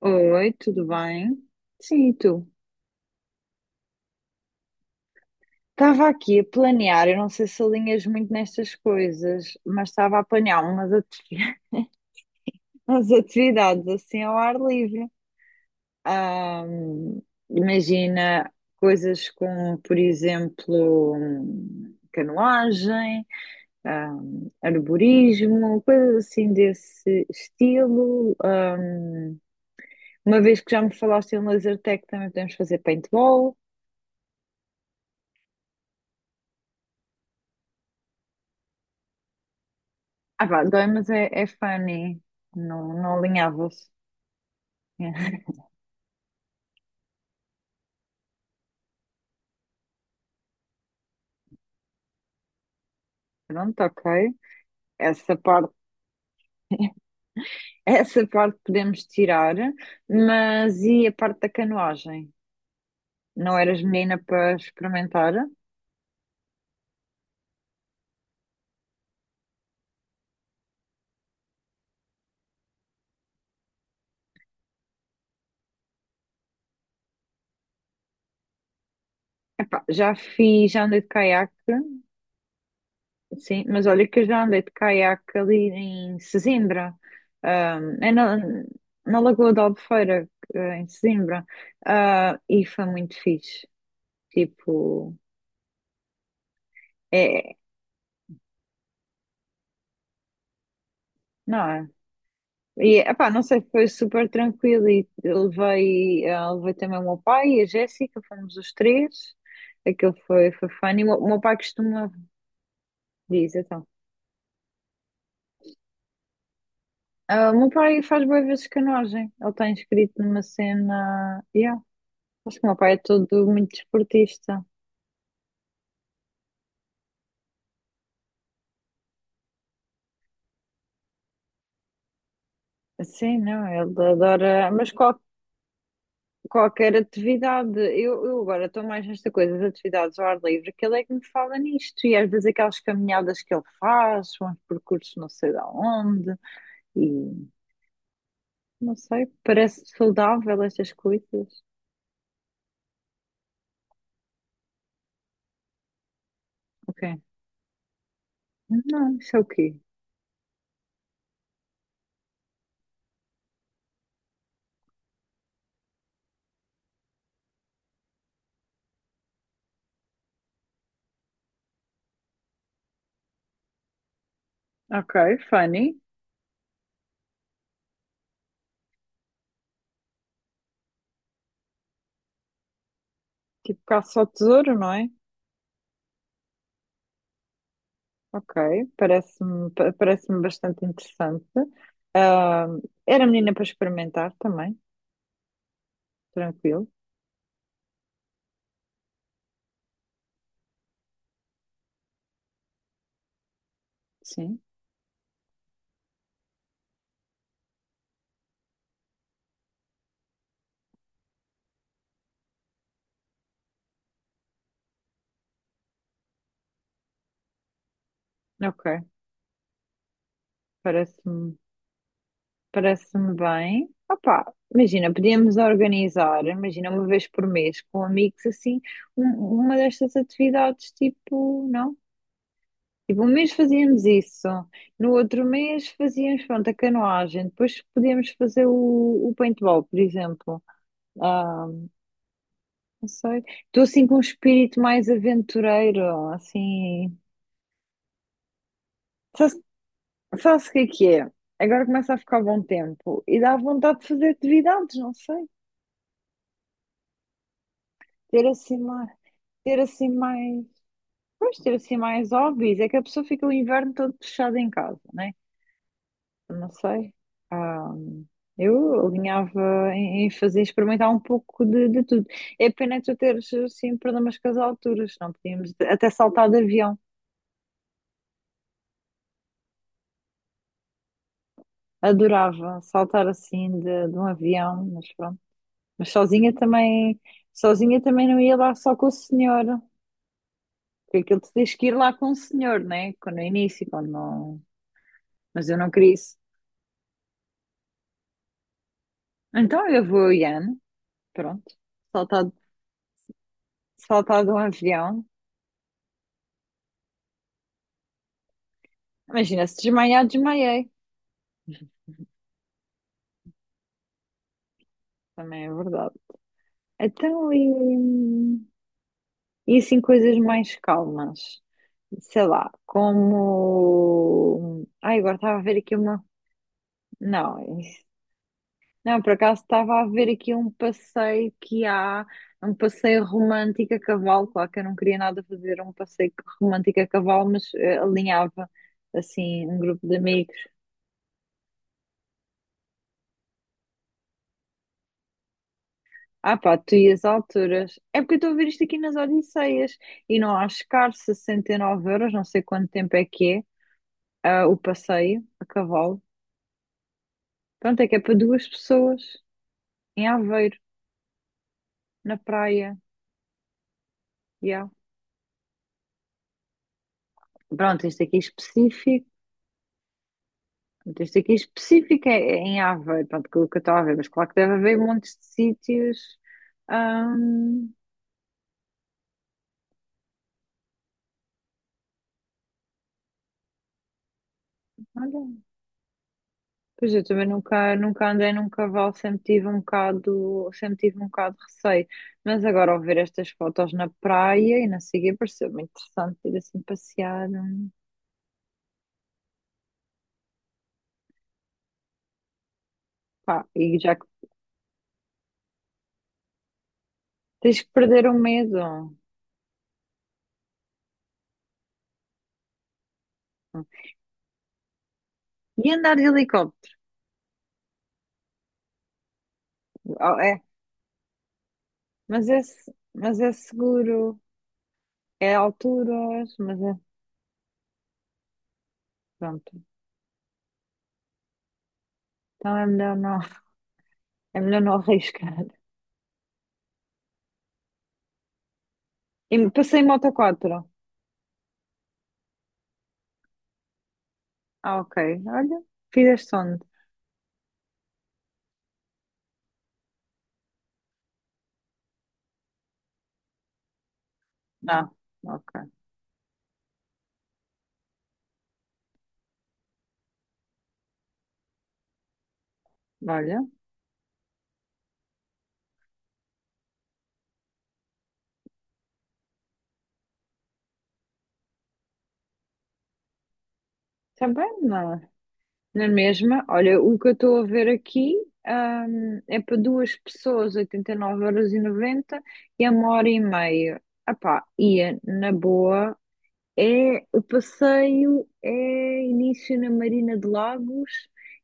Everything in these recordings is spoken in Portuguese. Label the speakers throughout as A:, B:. A: Oi, tudo bem? Sim, e tu? Estava aqui a planear, eu não sei se alinhas muito nestas coisas, mas estava a planear umas, ati- umas atividades assim ao ar livre. Ahm, imagina coisas como, por exemplo, canoagem, arborismo, coisas assim desse estilo. Uma vez que já me falaste em laser tag, também podemos fazer paintball. Ah, vá, dói, é funny. Não, não alinhava-se. Pronto, ok. Essa parte, essa parte podemos tirar, mas e a parte da canoagem? Não eras menina para experimentar? Epá, já fiz, já andei de caiaque, sim, mas olha que eu já andei de caiaque ali em Sesimbra, é na, na Lagoa da Albufeira, em Sesimbra. Ah, e foi muito fixe. Tipo, é, não é? E, epá, não sei, foi super tranquilo e eu levei, levei também o meu pai e a Jéssica, fomos os três, aquilo foi, foi fun, e o meu pai costuma, diz então. Ah, o meu pai faz boas vezes canoagem, ele está inscrito numa cena, yeah. Acho que o meu pai é todo muito desportista, assim não, ele adora, mas qual- qualquer atividade, eu agora estou mais nesta coisa, as atividades ao ar livre, que ele é que me fala nisto, e às vezes aquelas caminhadas que ele faz, uns percursos não sei de onde. E não sei, parece saudável estas coisas. Ok. Não, isso é o quê? Ok, funny. Tipo caça ao tesouro, não é? Ok, parece-me pa- parece-me bastante interessante. Ah, era menina para experimentar também, tranquilo. Sim. Ok, parece-me parece-me bem. Opá, imagina, podíamos organizar, imagina, uma vez por mês com amigos assim, um- uma destas atividades, tipo, não? Tipo, um mês fazíamos isso, no outro mês fazíamos, pronto, a canoagem, depois podíamos fazer o paintball, por exemplo. Ah, não sei. Estou assim com um espírito mais aventureiro, assim. Sabe- Sabe-se o que é que é? Agora começa a ficar bom tempo e dá vontade de fazer atividades, não sei. Ter assim mais, ter assim mais, pois, ter assim mais hobbies. É que a pessoa fica o inverno todo fechada em casa, né? Não sei. Ah, eu alinhava em, em fazer, experimentar um pouco de tudo. É pena tu teres, assim, problemas com as alturas, não podíamos até saltar de avião. Adorava saltar assim de um avião, mas pronto. Mas sozinha também não ia lá só com o senhor, porque aquilo tu tens que ir lá com o senhor, né? Quando no início, quando não. Mas eu não queria isso. Então eu vou, Ian, pronto, saltar, saltar de um avião. Imagina, se desmaiar, desmaiei. Também é verdade. Então, e assim, coisas mais calmas. Sei lá, como. Ai, agora estava a ver aqui uma. Não, isso- não, por acaso estava a ver aqui um passeio que há, um passeio romântico a cavalo. Claro que eu não queria nada fazer um passeio romântico a cavalo, mas alinhava assim um grupo de amigos. Ah pá, tu e as alturas. É porque eu estou a ver isto aqui nas Odisseias e não há escasso, 69 euros, não sei quanto tempo é que é. Ah, o passeio a cavalo. Pronto, é que é para duas pessoas em Aveiro, na praia. Yeah. Pronto, este aqui específico. Pronto, este aqui específico é é em Aveiro, pronto, que eu estou a ver, mas claro que deve haver montes de sítios. Ahm, olha, pois eu também nunca, nunca andei num cavalo, sempre tive um bocado, sempre tive um bocado de receio. Mas agora ao ver estas fotos na praia e na seguir pareceu-me interessante ir assim passear. Pá, e já que tens que perder o medo. E andar de helicóptero? Oh, é, mas é, se- mas é seguro, é alturas, mas é. Pronto. Então é melhor não arriscar. E passei em moto 4. Ah, ok. Olha, fizeste onde? Não. Ok. Olha, também não. É. Na mesma, olha, o que eu estou a ver aqui, é para duas pessoas, 89,90 euros a uma hora e meia. Ah pá, ia na boa. É, o passeio é início na Marina de Lagos.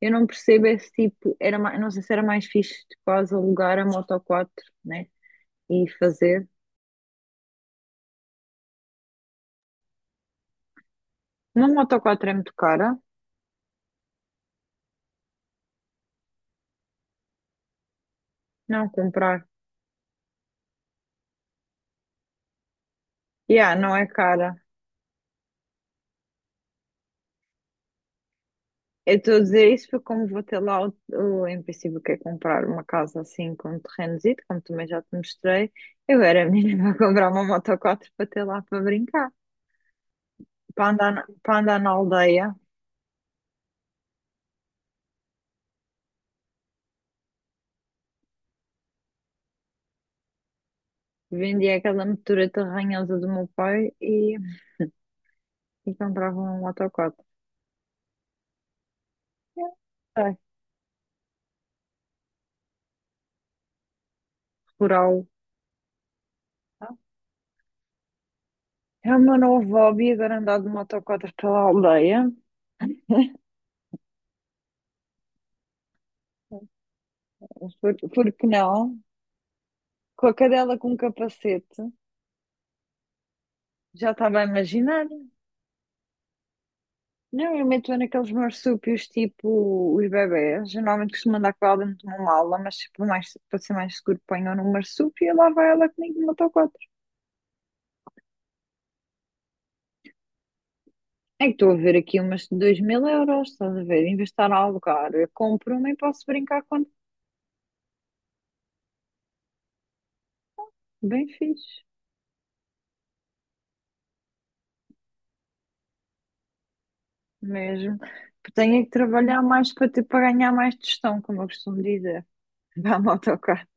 A: Eu não percebo esse tipo. Era, ma- não sei se era mais fixe de quase alugar a Moto 4, né? E fazer. Uma Moto 4 é muito cara. Não comprar. Yeah, não é cara. Eu estou a dizer isso porque, como vou ter lá, o, em princípio, que é comprar uma casa assim com terrenozito, como também já te mostrei, eu era menina a comprar uma Moto 4 para ter lá para brincar, para andar na aldeia. Vendia aquela motoreta ranhosa do meu pai e comprava um motociclo. É, rural. Tá? É o meu novo hobby, agora andar de motociclo pela aldeia. Por que não? Com a cadela com um capacete. Já estava a imaginar. Não, eu meto naqueles marsúpios tipo os bebés. Geralmente costumo andar com ela dentro de uma mala, mas tipo, mais, para ser mais seguro, ponho no marsúpio e lá vai ela comigo de motociclo. É que estou a ver aqui umas de 2000 euros, estás a ver? Em vez de estar a alugar, eu compro uma e posso brincar quando bem fixe, mesmo. Porque tenho é que trabalhar mais para ter, para ganhar mais tostão, como eu costumo dizer. Vá motocar.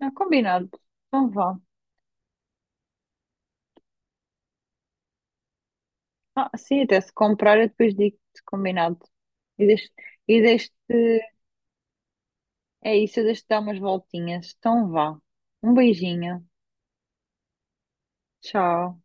A: Ah, combinado. Então vá. Ah, sim, até se comprar eu depois digo-te, combinado. E deixo, e deixo é isso, eu deixo-te dar umas voltinhas. Então vá. Um beijinho. Tchau.